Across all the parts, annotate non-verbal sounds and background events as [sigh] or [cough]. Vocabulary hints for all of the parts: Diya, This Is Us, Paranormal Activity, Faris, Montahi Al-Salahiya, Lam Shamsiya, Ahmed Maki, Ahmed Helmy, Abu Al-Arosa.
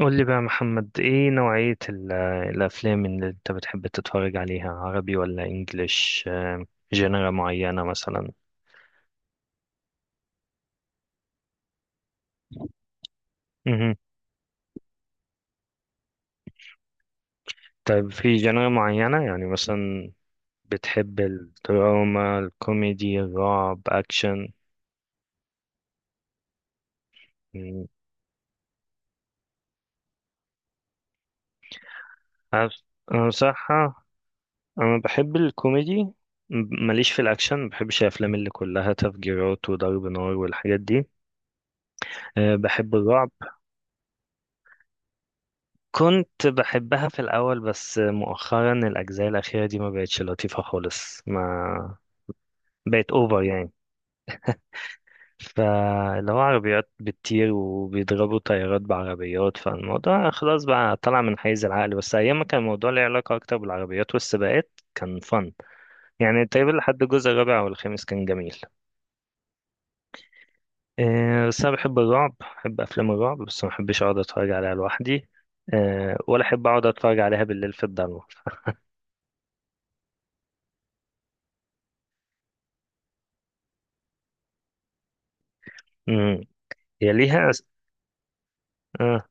قول لي بقى يا محمد، ايه نوعية الافلام اللي انت بتحب تتفرج عليها؟ عربي ولا انجليش؟ جنرا معينة مثلا؟ مهم. طيب في جنرا معينة يعني مثلا؟ بتحب الدراما، الكوميدي، الرعب، اكشن؟ مم. أنا بص- أنا بصراحة انا بحب الكوميدي. ماليش في الاكشن، ما بحبش الافلام اللي كلها تفجيرات وضرب نار والحاجات دي. بحب الرعب. كنت بحبها في الأول، بس مؤخرا الأجزاء الأخيرة دي ما بقتش لطيفة خالص، ما بقت أوفر يعني. فاللي هو عربيات بتطير وبيضربوا طيارات بعربيات، فالموضوع خلاص بقى طلع من حيز العقل، بس أيام ما كان الموضوع ليه علاقة أكتر بالعربيات والسباقات كان فن. يعني تقريبا لحد الجزء الرابع والخامس كان جميل. بس أنا بحب الرعب، بحب أفلام الرعب، بس ما بحبش أقعد أتفرج عليها لوحدي. ولا أحب أقعد أتفرج عليها بالليل في الضلمة. [laughs] مم. هي ليها. آه.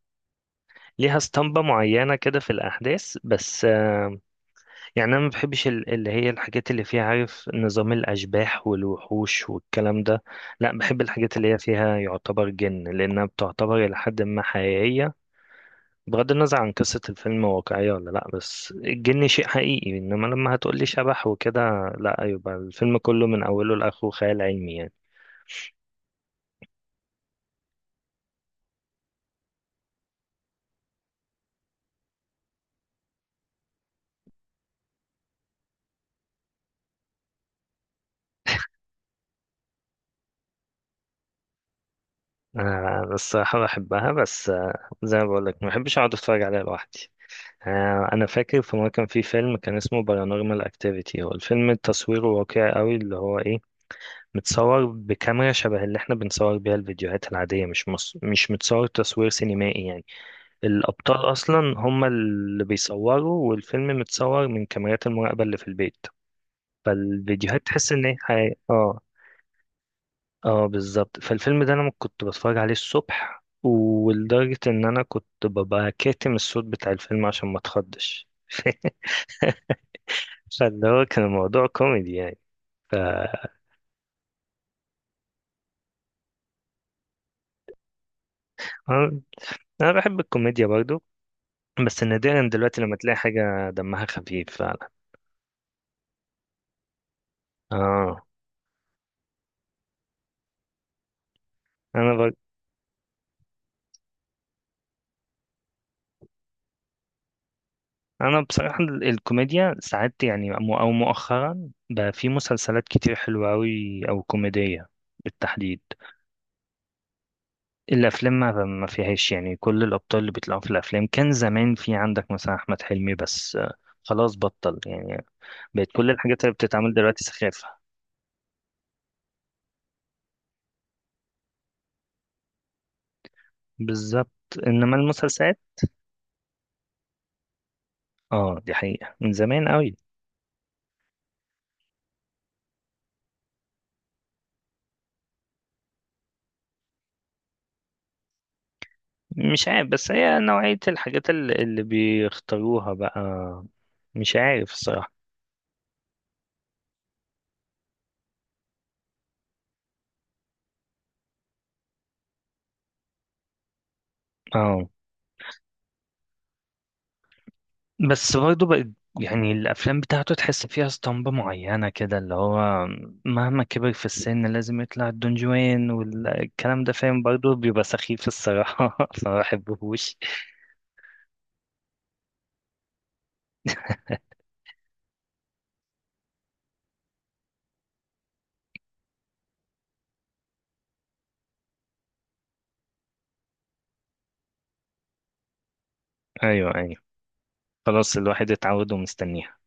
ليها اسطمبة معينة كده في الأحداث، بس آه. يعني أنا ما بحبش اللي هي الحاجات اللي فيها، عارف، نظام الأشباح والوحوش والكلام ده. لا، بحب الحاجات اللي هي فيها يعتبر جن، لأنها بتعتبر إلى حد ما حقيقية. بغض النظر عن قصة الفيلم واقعية ولا لا، بس الجن شيء حقيقي، إنما لما هتقولي شبح وكده، لا، يبقى الفيلم كله من أوله لآخره خيال علمي يعني. أنا الصراحة بحبها، بس آه، زي ما بقولك، ما بحبش أقعد أتفرج عليها لوحدي. انا فاكر في مره كان في فيلم كان اسمه بارانورمال اكتيفيتي. هو الفيلم تصويره واقعي قوي، اللي هو ايه، متصور بكاميرا شبه اللي احنا بنصور بيها الفيديوهات العاديه، مش متصور تصوير سينمائي يعني. الابطال اصلا هم اللي بيصوروا، والفيلم متصور من كاميرات المراقبه اللي في البيت. فالفيديوهات تحس ان اه. اه بالظبط. فالفيلم ده انا كنت بتفرج عليه الصبح، ولدرجه ان انا كنت ببقى كاتم الصوت بتاع الفيلم عشان ما اتخضش. [laughs] فاللي هو كان الموضوع كوميدي يعني. ف انا أنا بحب الكوميديا برضو، بس نادرا دلوقتي لما تلاقي حاجة دمها خفيف فعلا. اه انا ب... انا بصراحة الكوميديا ساعات، يعني او مؤخرا بقى، في مسلسلات كتير حلوة قوي او كوميدية بالتحديد. الافلام ما فيهاش، يعني كل الابطال اللي بيطلعوا في الافلام، كان زمان في عندك مثلا احمد حلمي، بس آه، خلاص بطل يعني. بقت كل الحاجات اللي بتتعمل دلوقتي سخافة. بالظبط. انما المسلسلات، اه دي حقيقة من زمان قوي. مش عارف، بس هي نوعية الحاجات اللي بيختاروها بقى، مش عارف الصراحة. اه، بس برضه بقت، يعني الأفلام بتاعته تحس فيها اسطمبة معينة كده، اللي هو مهما كبر في السن لازم يطلع الدون جوان والكلام ده، فاهم، برضه بيبقى سخيف الصراحة. [laughs] فما بحبهوش. أيوه أيوه، خلاص الواحد اتعود ومستنيها.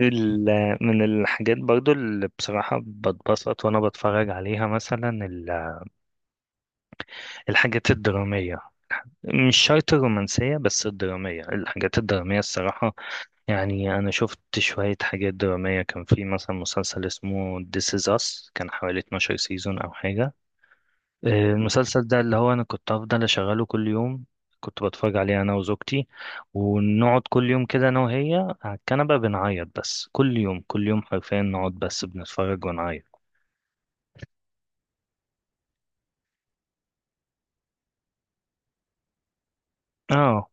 من الحاجات برضو اللي بصراحة بتبسط وأنا بتفرج عليها مثلا الحاجات الدرامية، مش شرط الرومانسية بس الدرامية، الحاجات الدرامية الصراحة. يعني أنا شفت شوية حاجات درامية، كان في مثلا مسلسل اسمه This Is Us، كان حوالي 12 سيزون أو حاجة. آه، المسلسل ده اللي هو انا كنت افضل اشغله كل يوم، كنت بتفرج عليه انا وزوجتي، ونقعد كل يوم كده انا وهي على الكنبة بنعيط، بس كل يوم كل يوم حرفيا نقعد بس بنتفرج ونعيط. اه،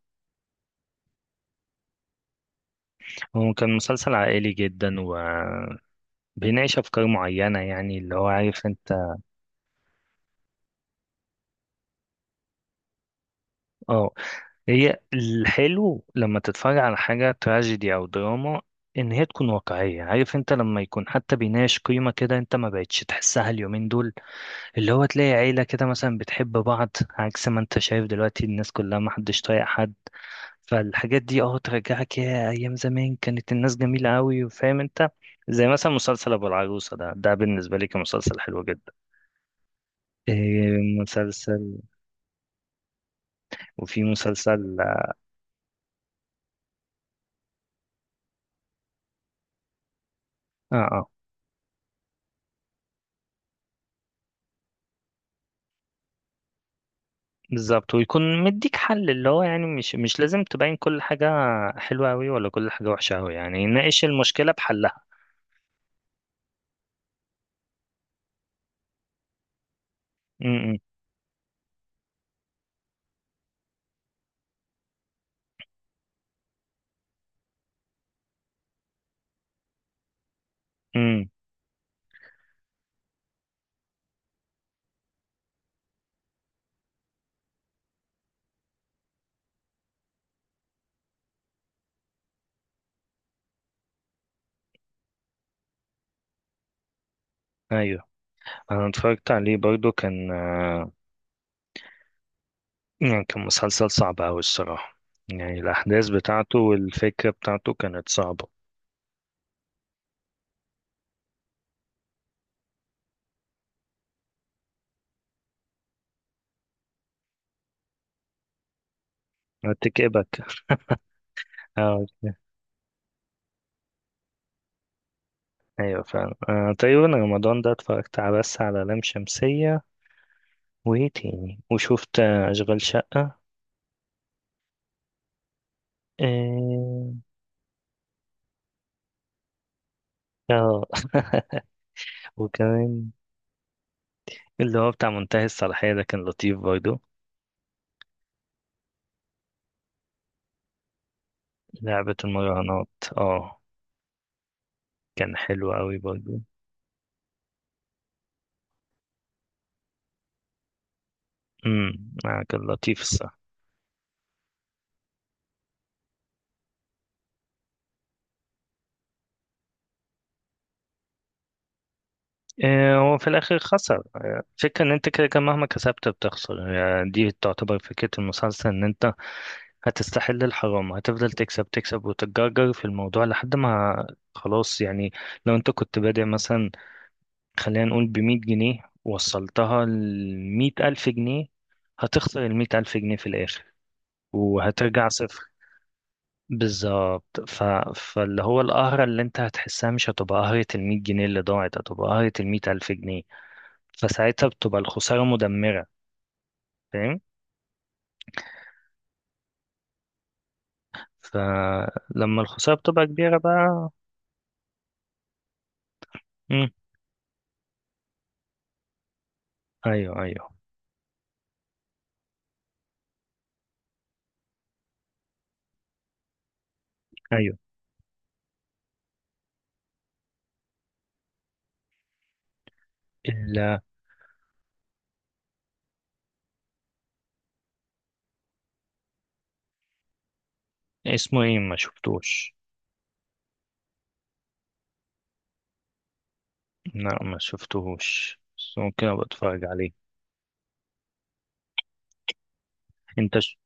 هو كان مسلسل عائلي جدا، وبيناقش افكار معينة، يعني اللي هو عارف انت. اه، هي الحلو لما تتفرج على حاجة تراجيدي او دراما ان هي تكون واقعية، عارف انت، لما يكون حتى بيناقش قيمة كده انت ما بقتش تحسها اليومين دول. اللي هو تلاقي عيلة كده مثلا بتحب بعض، عكس ما انت شايف دلوقتي الناس كلها ما حدش طايق حد. فالحاجات دي اه ترجعك يا ايام زمان، كانت الناس جميلة قوي وفاهم انت. زي مثلا مسلسل ابو العروسة ده، ده بالنسبة لي كان مسلسل حلو جدا. إيه مسلسل، وفي مسلسل، اه اه بالظبط، ويكون مديك حل، اللي هو يعني مش مش لازم تبين كل حاجة حلوة قوي ولا كل حاجة وحشة قوي، يعني ناقش المشكلة بحلها. امم. امم. ايوه، انا اتفرجت عليه برضو، كان آه، يعني كان مسلسل صعب أوي الصراحة، يعني الأحداث بتاعته والفكرة بتاعته كانت صعبة. هتكئبك. أه أيوة فعلا. أه تقريبا رمضان ده اتفرجت على بس على لام شمسية، وإيه تاني، وشوفت آه، أشغال شقة. اه آه. [laughs] وكمان اللي هو بتاع منتهي الصلاحية ده كان لطيف برضه. لعبة المراهنات. اه كان حلو أوي برضه. امم. آه، كان لطيف. آه، وفي الآخر خسر آه، فكرة إن أنت كده كده مهما كسبت بتخسر، يعني دي تعتبر فكرة المسلسل، إن أنت هتستحل الحرام، هتفضل تكسب تكسب وتتجرجر في الموضوع لحد ما خلاص يعني. لو أنت كنت بادئ مثلا، خلينا نقول بمية جنيه، وصلتها لمية ألف جنيه، هتخسر المية ألف جنيه في الآخر وهترجع صفر. بالظبط. فاللي هو القهرة اللي أنت هتحسها مش هتبقى قهرة المية جنيه اللي ضاعت، هتبقى قهرة المية ألف جنيه، فساعتها بتبقى الخسارة مدمرة. فاهم. فلما الخسارة بتبقى كبيرة بقى. مم. أيوه أيوه. إلا. اسمه إيه؟ ما شفتوش. لا ما شفتهوش، بس ممكن أبقى أتفرج عليه. أنت ش-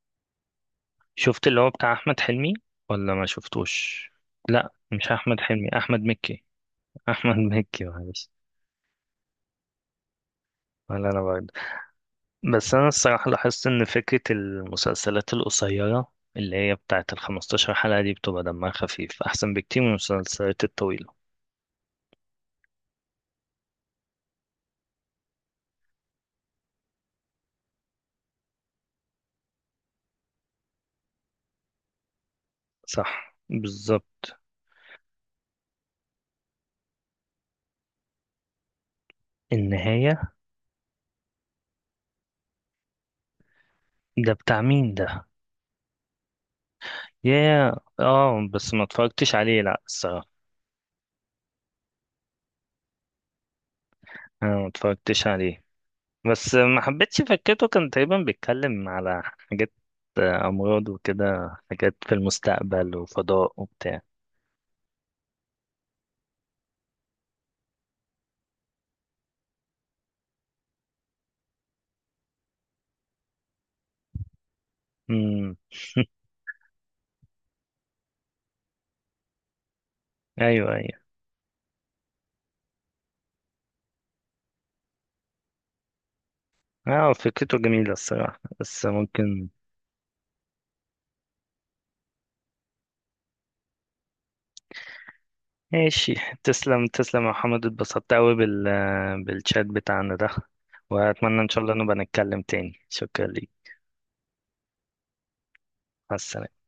شفت اللي هو بتاع أحمد حلمي ولا ما شفتوش؟ لا، مش أحمد حلمي، أحمد مكي. [laughs] أحمد مكي، معلش. ولا أنا. بس أنا الصراحة لاحظت إن فكرة المسلسلات القصيرة اللي هي بتاعة الخمستاشر حلقة دي بتبقى دمها خفيف أحسن بكتير من المسلسلات الطويلة. صح بالظبط. النهاية. ده بتاع مين ده؟ يا، اه بس ما اتفرجتش عليه لا الصراحة. أنا ما اتفرجتش عليه، بس ما حبيتش فكرته. كان تقريبا بيتكلم على حاجات آه، أمراض وكده، حاجات في المستقبل وفضاء وبتاع. امم. [laughs] ايوه أيوة. اه فكرته جميلة الصراحة، بس ممكن. ماشي. تسلم تسلم يا محمد، اتبسطت أوي بال بالشات بتاعنا ده، وأتمنى إن شاء الله نبقى نتكلم تاني. شكرا ليك. مع السلامة.